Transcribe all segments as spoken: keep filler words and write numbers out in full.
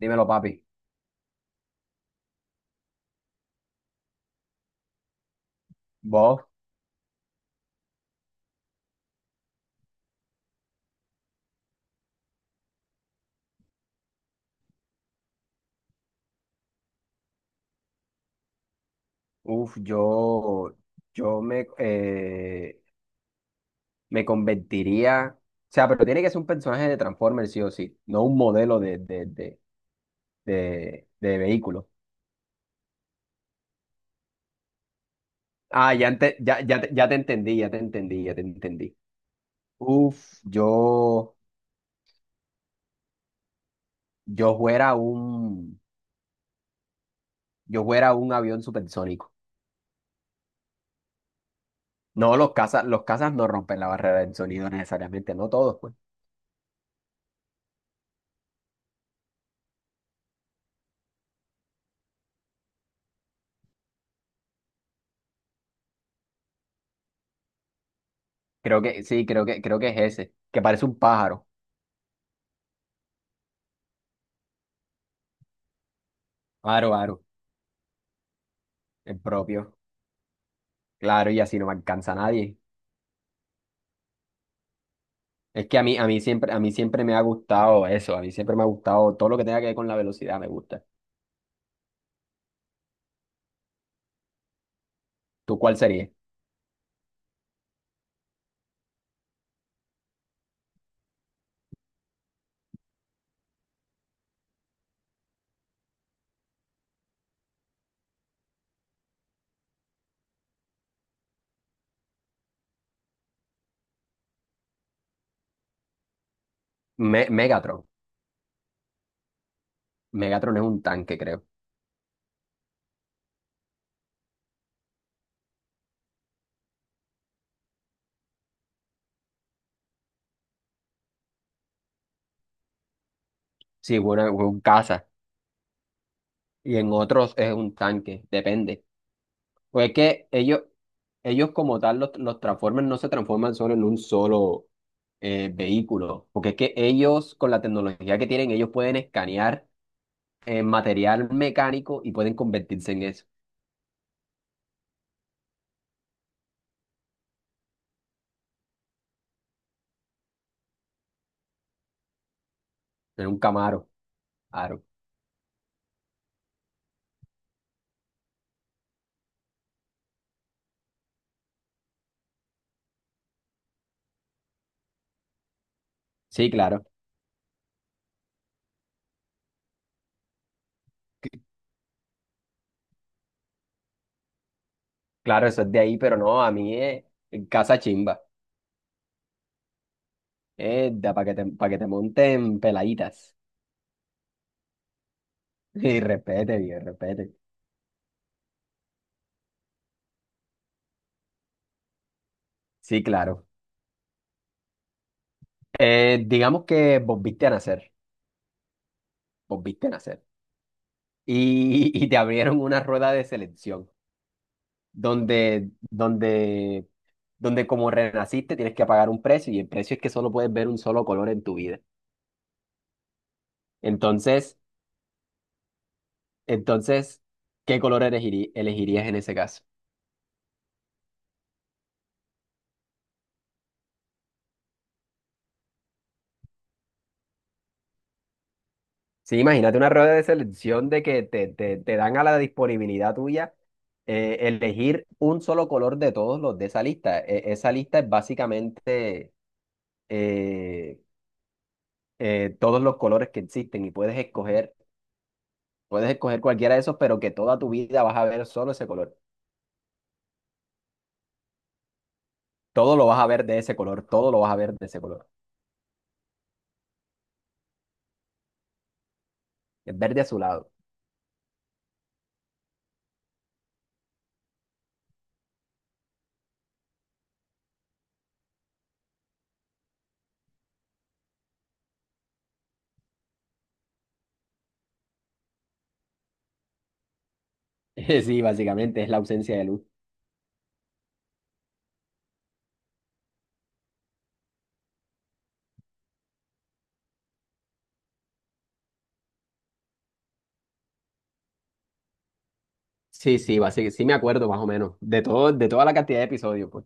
Dímelo, papi. Vos, uff, yo, yo me, eh, me convertiría. O sea, pero tiene que ser un personaje de Transformers, sí o sí, no un modelo de, de, de, de, de vehículo. Ah, ya, ente- ya, ya, te- ya te entendí, ya te entendí, ya te entendí. Uff, yo, yo fuera un, yo fuera un avión supersónico. No, los cazas, los cazas no rompen la barrera del sonido necesariamente, no todos, pues. Creo que, sí, creo que, creo que es ese, que parece un pájaro. Aro, aro. El propio, claro, y así no me alcanza a nadie. Es que a mí, a mí siempre, a mí siempre me ha gustado eso, a mí siempre me ha gustado todo lo que tenga que ver con la velocidad, me gusta. ¿Tú cuál sería? Me- Megatron. Megatron es un tanque, creo. Sí, bueno, es un caza. Y en otros es un tanque, depende. Pues es que ellos, ellos como tal, los, los Transformers no se transforman solo en un solo eh, vehículo, porque es que ellos, con la tecnología que tienen, ellos pueden escanear eh, material mecánico y pueden convertirse en eso, en un Camaro. Claro. Sí, claro. Claro, eso es de ahí, pero no, a mí es casa chimba. Es para que te, pa' que te monten peladitas. Y respete, bien, respete. Sí, claro. Eh, digamos que vos viste a nacer, vos viste a nacer. Y, y te abrieron una rueda de selección donde, donde, donde como renaciste tienes que pagar un precio y el precio es que solo puedes ver un solo color en tu vida. Entonces, entonces, ¿qué color elegiri- elegirías en ese caso? Sí, imagínate una rueda de selección de que te, te- te dan a la disponibilidad tuya eh, elegir un solo color de todos los de esa lista. E- esa lista es básicamente eh, eh, todos los colores que existen y puedes escoger, puedes escoger cualquiera de esos, pero que toda tu vida vas a ver solo ese color. Todo lo vas a ver de ese color, todo lo vas a ver de ese color. Es verde azulado. Sí, básicamente es la ausencia de luz. Sí, sí, básicamente, sí me acuerdo más o menos de todo, de toda la cantidad de episodios, pues.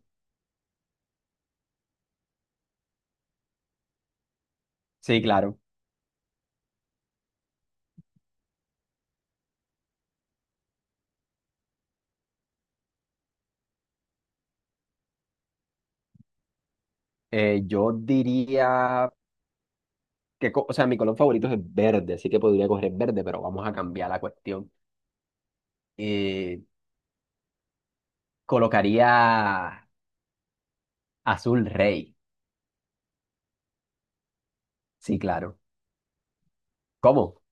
Sí, claro. Eh, yo diría que, co- o sea, mi color favorito es el verde, así que podría coger el verde, pero vamos a cambiar la cuestión. Eh, colocaría azul rey. Sí, claro. ¿Cómo?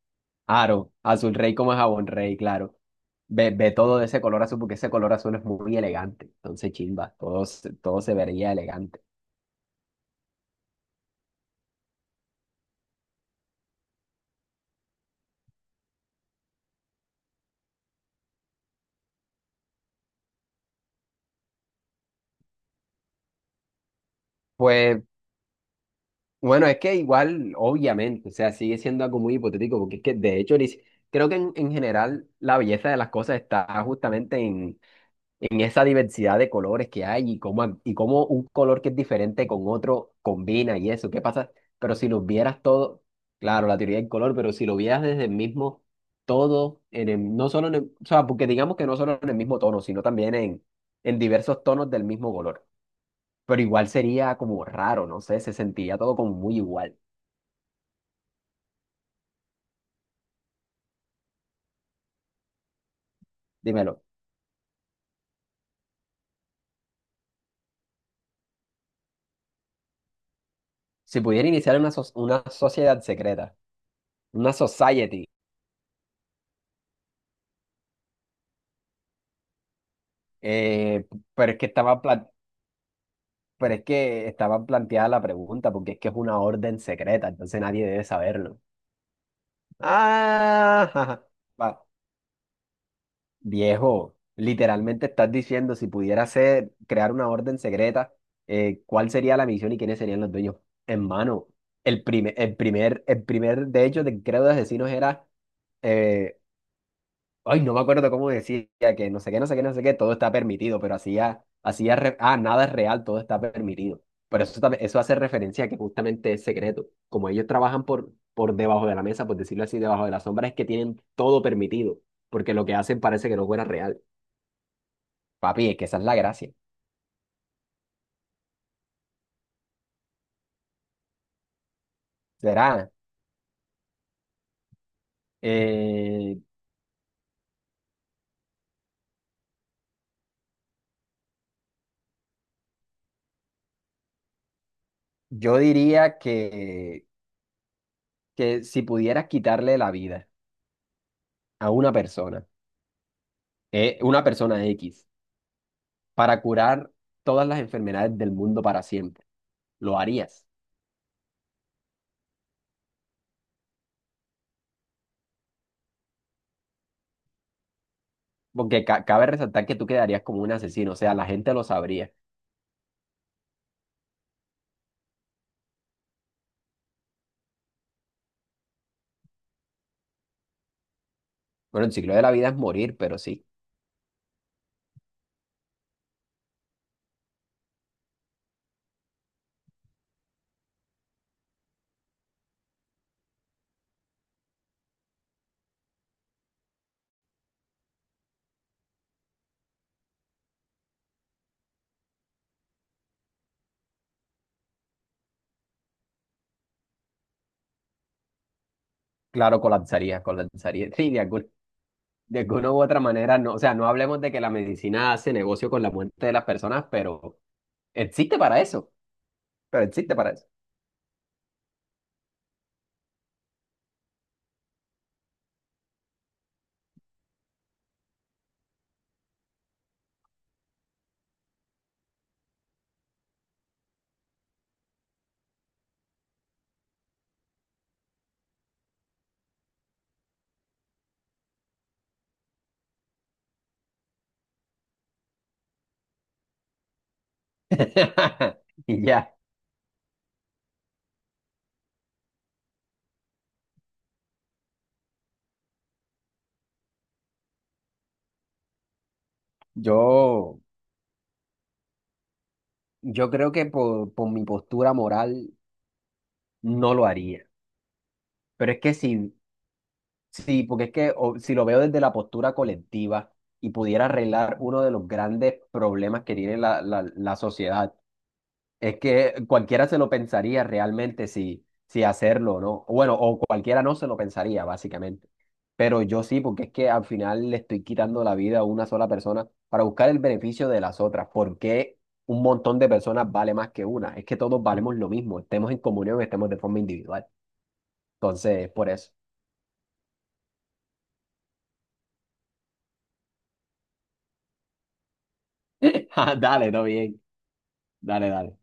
Aro, azul rey como jabón rey, claro. Ve, ve todo de ese color azul porque ese color azul es muy elegante. Entonces, chimba, todo, se- todo se vería elegante. Pues, bueno, es que igual, obviamente, o sea, sigue siendo algo muy hipotético porque es que, de hecho, ni si- creo que en, en general la belleza de las cosas está justamente en en esa diversidad de colores que hay y cómo, ac- y cómo un color que es diferente con otro combina y eso, ¿qué pasa? Pero si lo vieras todo, claro, la teoría del color, pero si lo vieras desde el mismo todo, en el- no solo en el- o sea, porque digamos que no solo en el mismo tono, sino también en, en diversos tonos del mismo color. Pero igual sería como raro, no sé, se sentiría todo como muy igual. Dímelo, si pudiera iniciar una, so- una sociedad secreta, una society, eh, pero es que estaba, Pero es que estaba planteada la pregunta, porque es que es una orden secreta, entonces nadie debe saberlo. Ah, jaja. Va, viejo, literalmente estás diciendo, si pudiera ser, crear una orden secreta, eh, ¿cuál sería la misión y quiénes serían los dueños? Hermano, el primer, el primer, el primer, de hecho, del credo de asesinos era eh, ay, no me acuerdo cómo decía que no sé qué, no sé qué, no sé qué, todo está permitido, pero hacía, hacía, re- ah, nada es real, todo está permitido. Pero eso, tam- eso hace referencia a que justamente es secreto. Como ellos trabajan por, por debajo de la mesa, por decirlo así, debajo de la sombra, es que tienen todo permitido, porque lo que hacen parece que no fuera real. Papi, es que esa es la gracia. Será, eh, yo diría que, que si pudieras quitarle la vida a una persona, eh, una persona X, para curar todas las enfermedades del mundo para siempre lo harías. Porque ca- cabe resaltar que tú quedarías como un asesino, o sea, la gente lo sabría. Bueno, el ciclo de la vida es morir, pero sí, claro, colapsaría, colapsaría. Sí, de algún- de alguna u otra manera, no, o sea, no hablemos de que la medicina hace negocio con la muerte de las personas, pero existe para eso, pero existe para eso. Y ya, yo, yo creo que por, por mi postura moral no lo haría. Pero es que si sí, porque es que o- si lo veo desde la postura colectiva y pudiera arreglar uno de los grandes problemas que tiene la, la, la sociedad, es que cualquiera se lo pensaría realmente si, si hacerlo o no. Bueno, o cualquiera no se lo pensaría, básicamente. Pero yo sí, porque es que al final le estoy quitando la vida a una sola persona para buscar el beneficio de las otras. ¿Por qué un montón de personas vale más que una? Es que todos valemos lo mismo, estemos en comunión, estemos de forma individual. Entonces, por eso. Dale, todo bien. Dale, dale.